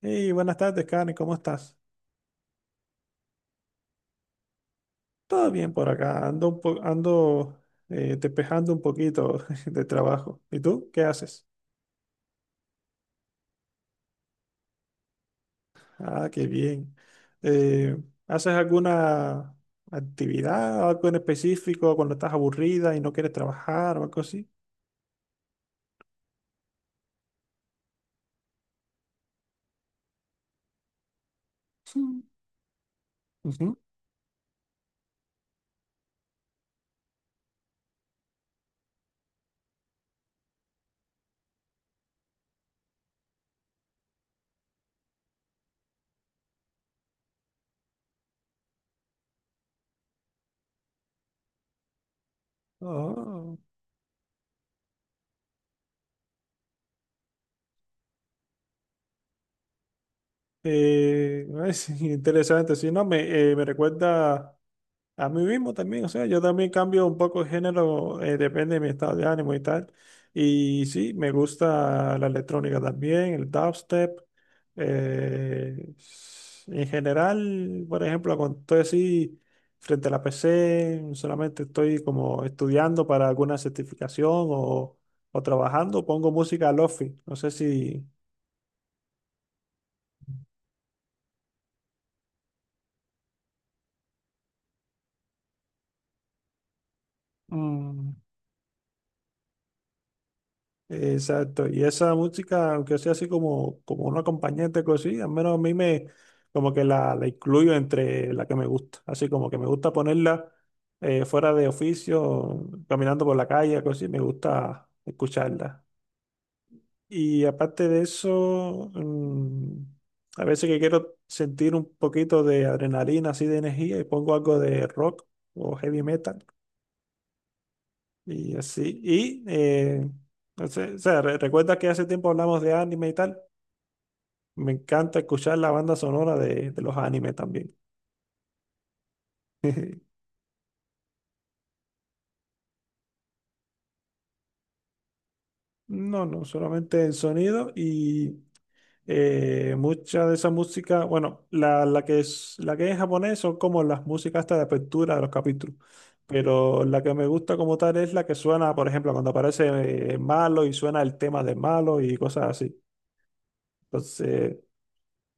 Hey, buenas tardes, Karen, ¿cómo estás? Todo bien por acá, ando, ando despejando un poquito de trabajo. ¿Y tú qué haces? Ah, qué bien. Eh, ¿Haces alguna actividad, algo en específico cuando estás aburrida y no quieres trabajar o algo así? Sí. Ujú. Oh, es interesante, sí, no, me recuerda a mí mismo también, o sea, yo también cambio un poco de género, depende de mi estado de ánimo y tal. Y sí, me gusta la electrónica también, el dubstep. En general, por ejemplo, cuando estoy así frente a la PC, solamente estoy como estudiando para alguna certificación o trabajando, pongo música lofi. No sé si, mm, exacto, y esa música, aunque sea así como, como un acompañante, cosí, al menos a mí me, como que la incluyo entre la que me gusta, así como que me gusta ponerla fuera de oficio, caminando por la calle, cosí, me gusta escucharla. Y aparte de eso, mm, a veces que quiero sentir un poquito de adrenalina, así de energía, y pongo algo de rock o heavy metal. Y así, y no sé, o sea, recuerda que hace tiempo hablamos de anime y tal. Me encanta escuchar la banda sonora de los animes también. No, no, solamente el sonido y mucha de esa música, bueno, la que es en japonés son como las músicas hasta de apertura de los capítulos. Pero la que me gusta como tal es la que suena, por ejemplo, cuando aparece Malo y suena el tema de Malo y cosas así. Entonces,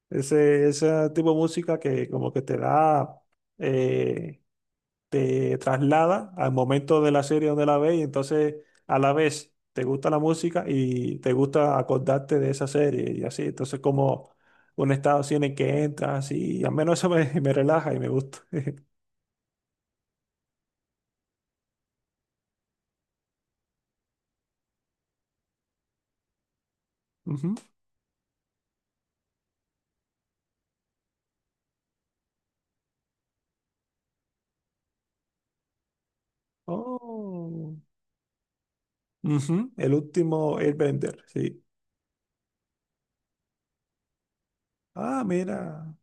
ese tipo de música que como que te da, eh, te traslada al momento de la serie donde la ves y entonces a la vez te gusta la música y te gusta acordarte de esa serie y así. Entonces como un estado así en el que entras y al menos eso me, me relaja y me gusta. Ujú. Oh. Ujú. El último Airbender, sí. Ah, mira,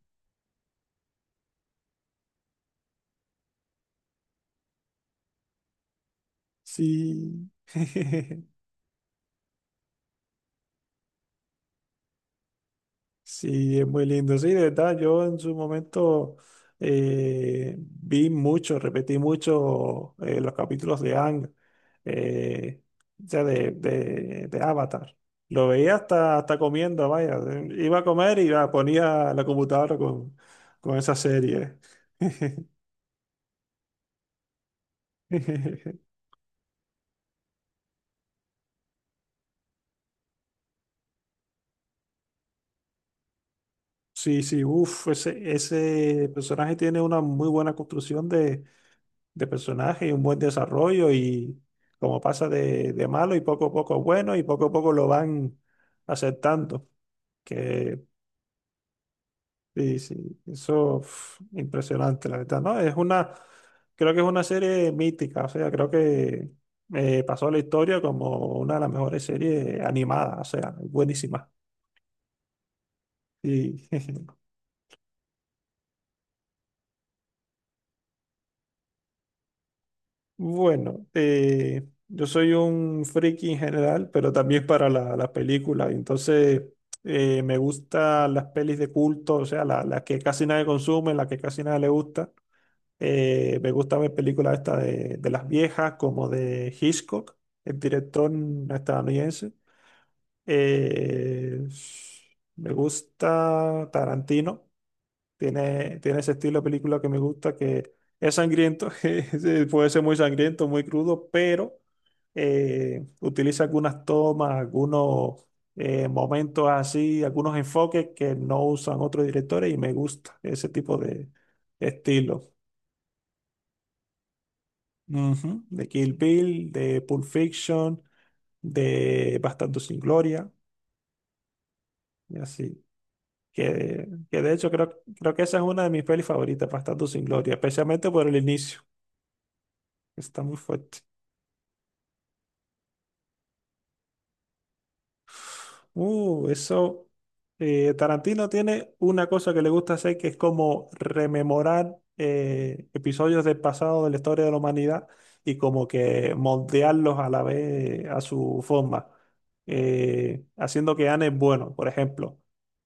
sí. Sí, es muy lindo. Sí, de verdad, yo en su momento vi mucho, repetí mucho los capítulos de Ang, eh, o sea, de Avatar. Lo veía hasta, hasta comiendo, vaya. Iba a comer y va, ponía la computadora con esa serie. Sí, sí, uff, ese personaje tiene una muy buena construcción de personaje y un buen desarrollo y como pasa de malo y poco a poco bueno y poco a poco lo van aceptando. Que sí, sí, eso uf, impresionante, la verdad, ¿no? Es una, creo que es una serie mítica, o sea, creo que pasó a la historia como una de las mejores series animadas, o sea, buenísima. Sí. Bueno, yo soy un friki en general, pero también para las películas. Entonces, me gustan las pelis de culto, o sea, las que casi nadie consume, las que casi nadie le gusta. Me gusta ver películas estas de las viejas, como de Hitchcock, el director estadounidense. Eh, me gusta Tarantino. Tiene ese estilo de película que me gusta, que es sangriento, sí, puede ser muy sangriento, muy crudo, pero utiliza algunas tomas, algunos momentos así, algunos enfoques que no usan otros directores y me gusta ese tipo de estilo. Ujú, de Kill Bill, de Pulp Fiction, de Bastardo sin Gloria, y así. Que de hecho creo que esa es una de mis pelis favoritas, Bastardo sin Gloria, especialmente por el inicio. Está muy fuerte. Eso. Tarantino tiene una cosa que le gusta hacer que es como rememorar episodios del pasado de la historia de la humanidad y como que moldearlos a la vez a su forma, haciendo que ganen bueno. Por ejemplo,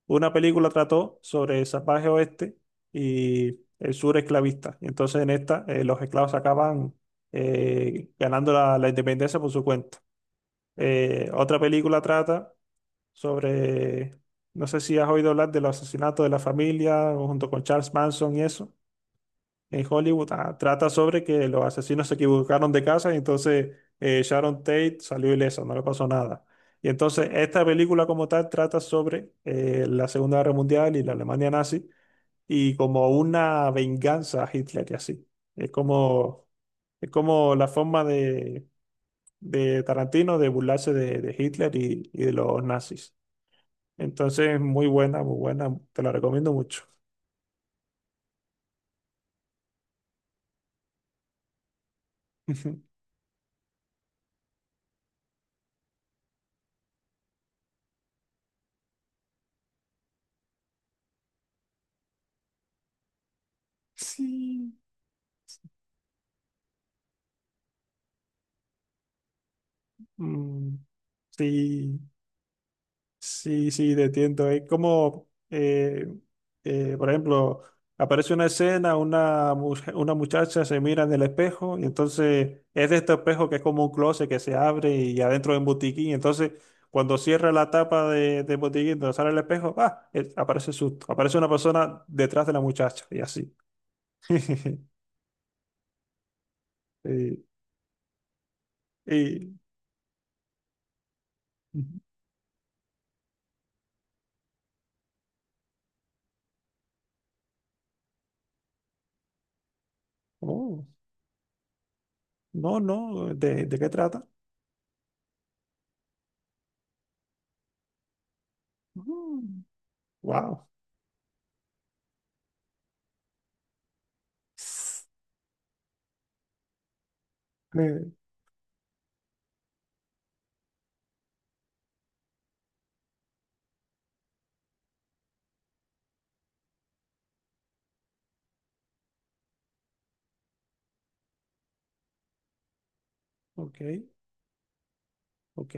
una película trató sobre el salvaje oeste y el sur esclavista. Y entonces en esta los esclavos acaban ganando la la independencia por su cuenta. Otra película trata sobre, no sé si has oído hablar de los asesinatos de la familia junto con Charles Manson y eso, en Hollywood. Ah, trata sobre que los asesinos se equivocaron de casa y entonces Sharon Tate salió ilesa, no le pasó nada. Y entonces esta película como tal trata sobre la Segunda Guerra Mundial y la Alemania nazi y como una venganza a Hitler y así. Es como, es como la forma de Tarantino de burlarse de Hitler y de los nazis. Entonces, muy buena, te la recomiendo mucho. Sí. Mm, sí, sí, sí, te entiendo. Es como, por ejemplo, aparece una escena, una, una muchacha se mira en el espejo y entonces es de este espejo que es como un closet que se abre y adentro es un botiquín. Entonces, cuando cierra la tapa de, del botiquín, donde sale el espejo, ¡ah! Aparece susto. Aparece una persona detrás de la muchacha y así. Y, y- oh, no, no, de qué trata? Wow. Ok, ok.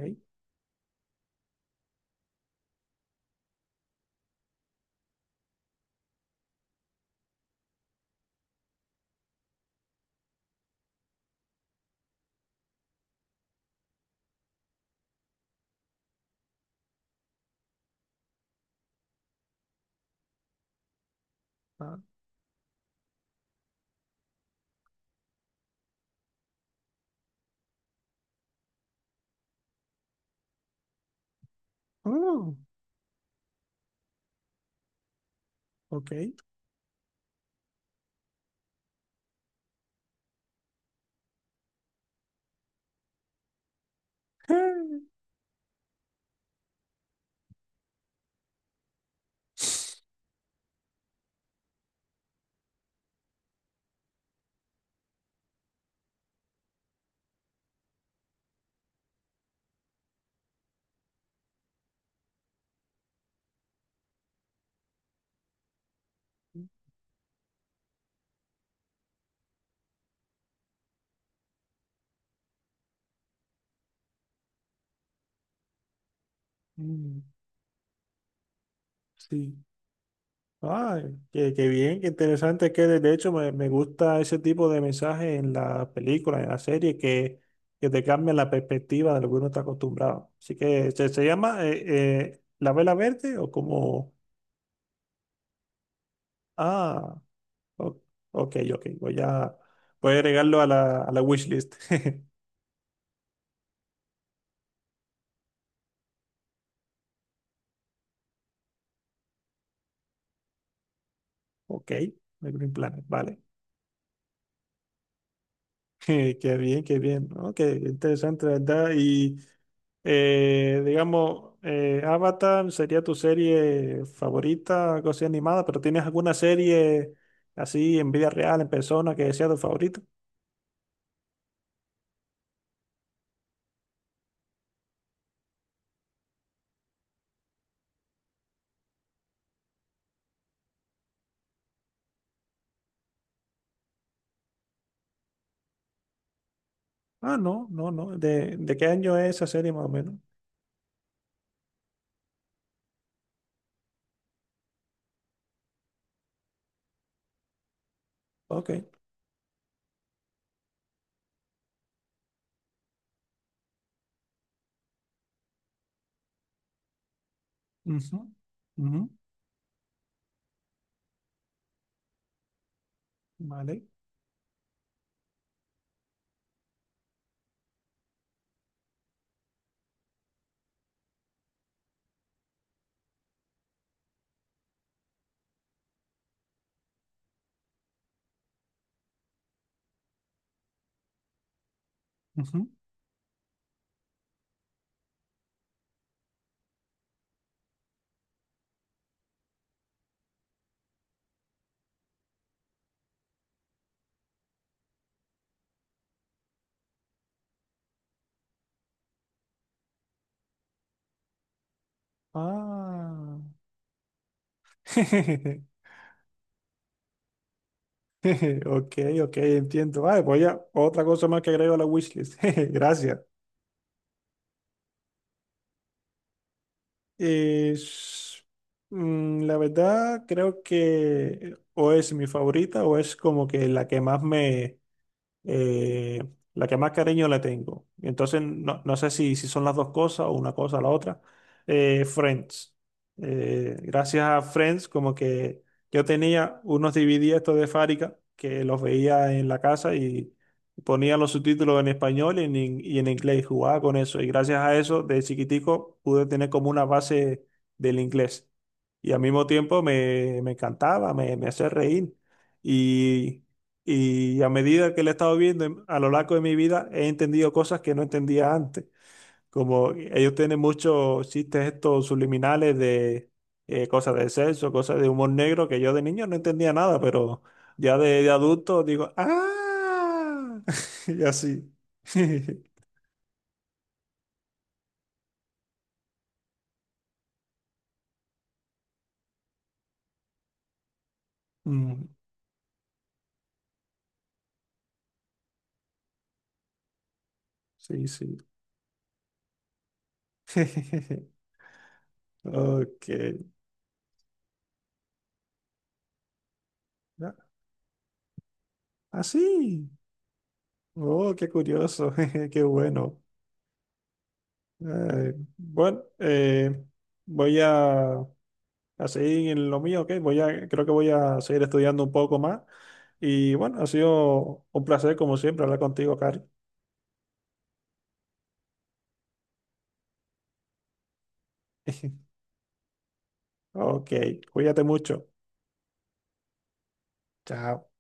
Ah, oh, ok. Mm, sí. Ay, qué, qué bien, qué interesante que de hecho me, me gusta ese tipo de mensaje en la película, en la serie, que te cambia la perspectiva de lo que uno está acostumbrado. Así que se llama La Vela Verde o como... Ah, o- ok, ok. Voy a, voy a agregarlo a la wishlist. Ok, The Green Planet, vale. Qué bien, qué bien. Ok, interesante, la ¿verdad? Y... digamos, Avatar sería tu serie favorita, algo así animada, pero ¿tienes alguna serie así en vida real, en persona, que sea tu favorita? Ah, no, no, no. De qué año es esa serie más o menos? Ok. Ujú, ujú, vale. Ujú. Ah. Ok, ok, entiendo. Vale, pues ya, otra cosa más que agrego a la wishlist. Gracias. Es, mm, la verdad, creo que o es mi favorita o es como que la que más me, eh, la que más cariño le tengo. Y entonces, no, no sé si, si son las dos cosas o una cosa o la otra. Friends. Gracias a Friends, como que yo tenía unos DVD estos de Fárica que los veía en la casa y ponía los subtítulos en español y en inglés, jugaba con eso. Y gracias a eso, de chiquitico, pude tener como una base del inglés. Y al mismo tiempo me, me encantaba, me hacía reír. Y y a medida que la he estado viendo a lo largo de mi vida, he entendido cosas que no entendía antes. Como ellos tienen muchos chistes estos subliminales de cosas de sexo, cosas de humor negro, que yo de niño no entendía nada, pero ya de adulto digo, ¡ah! Y así. Mm, sí, sí. Ok. Ah, así. Oh, qué curioso. Qué bueno. Eh, bueno, eh, voy a seguir en lo mío, ¿ok? Voy a, creo que voy a seguir estudiando un poco más. Y bueno, ha sido un placer, como siempre, hablar contigo, Cari. Ok, cuídate mucho. Chao.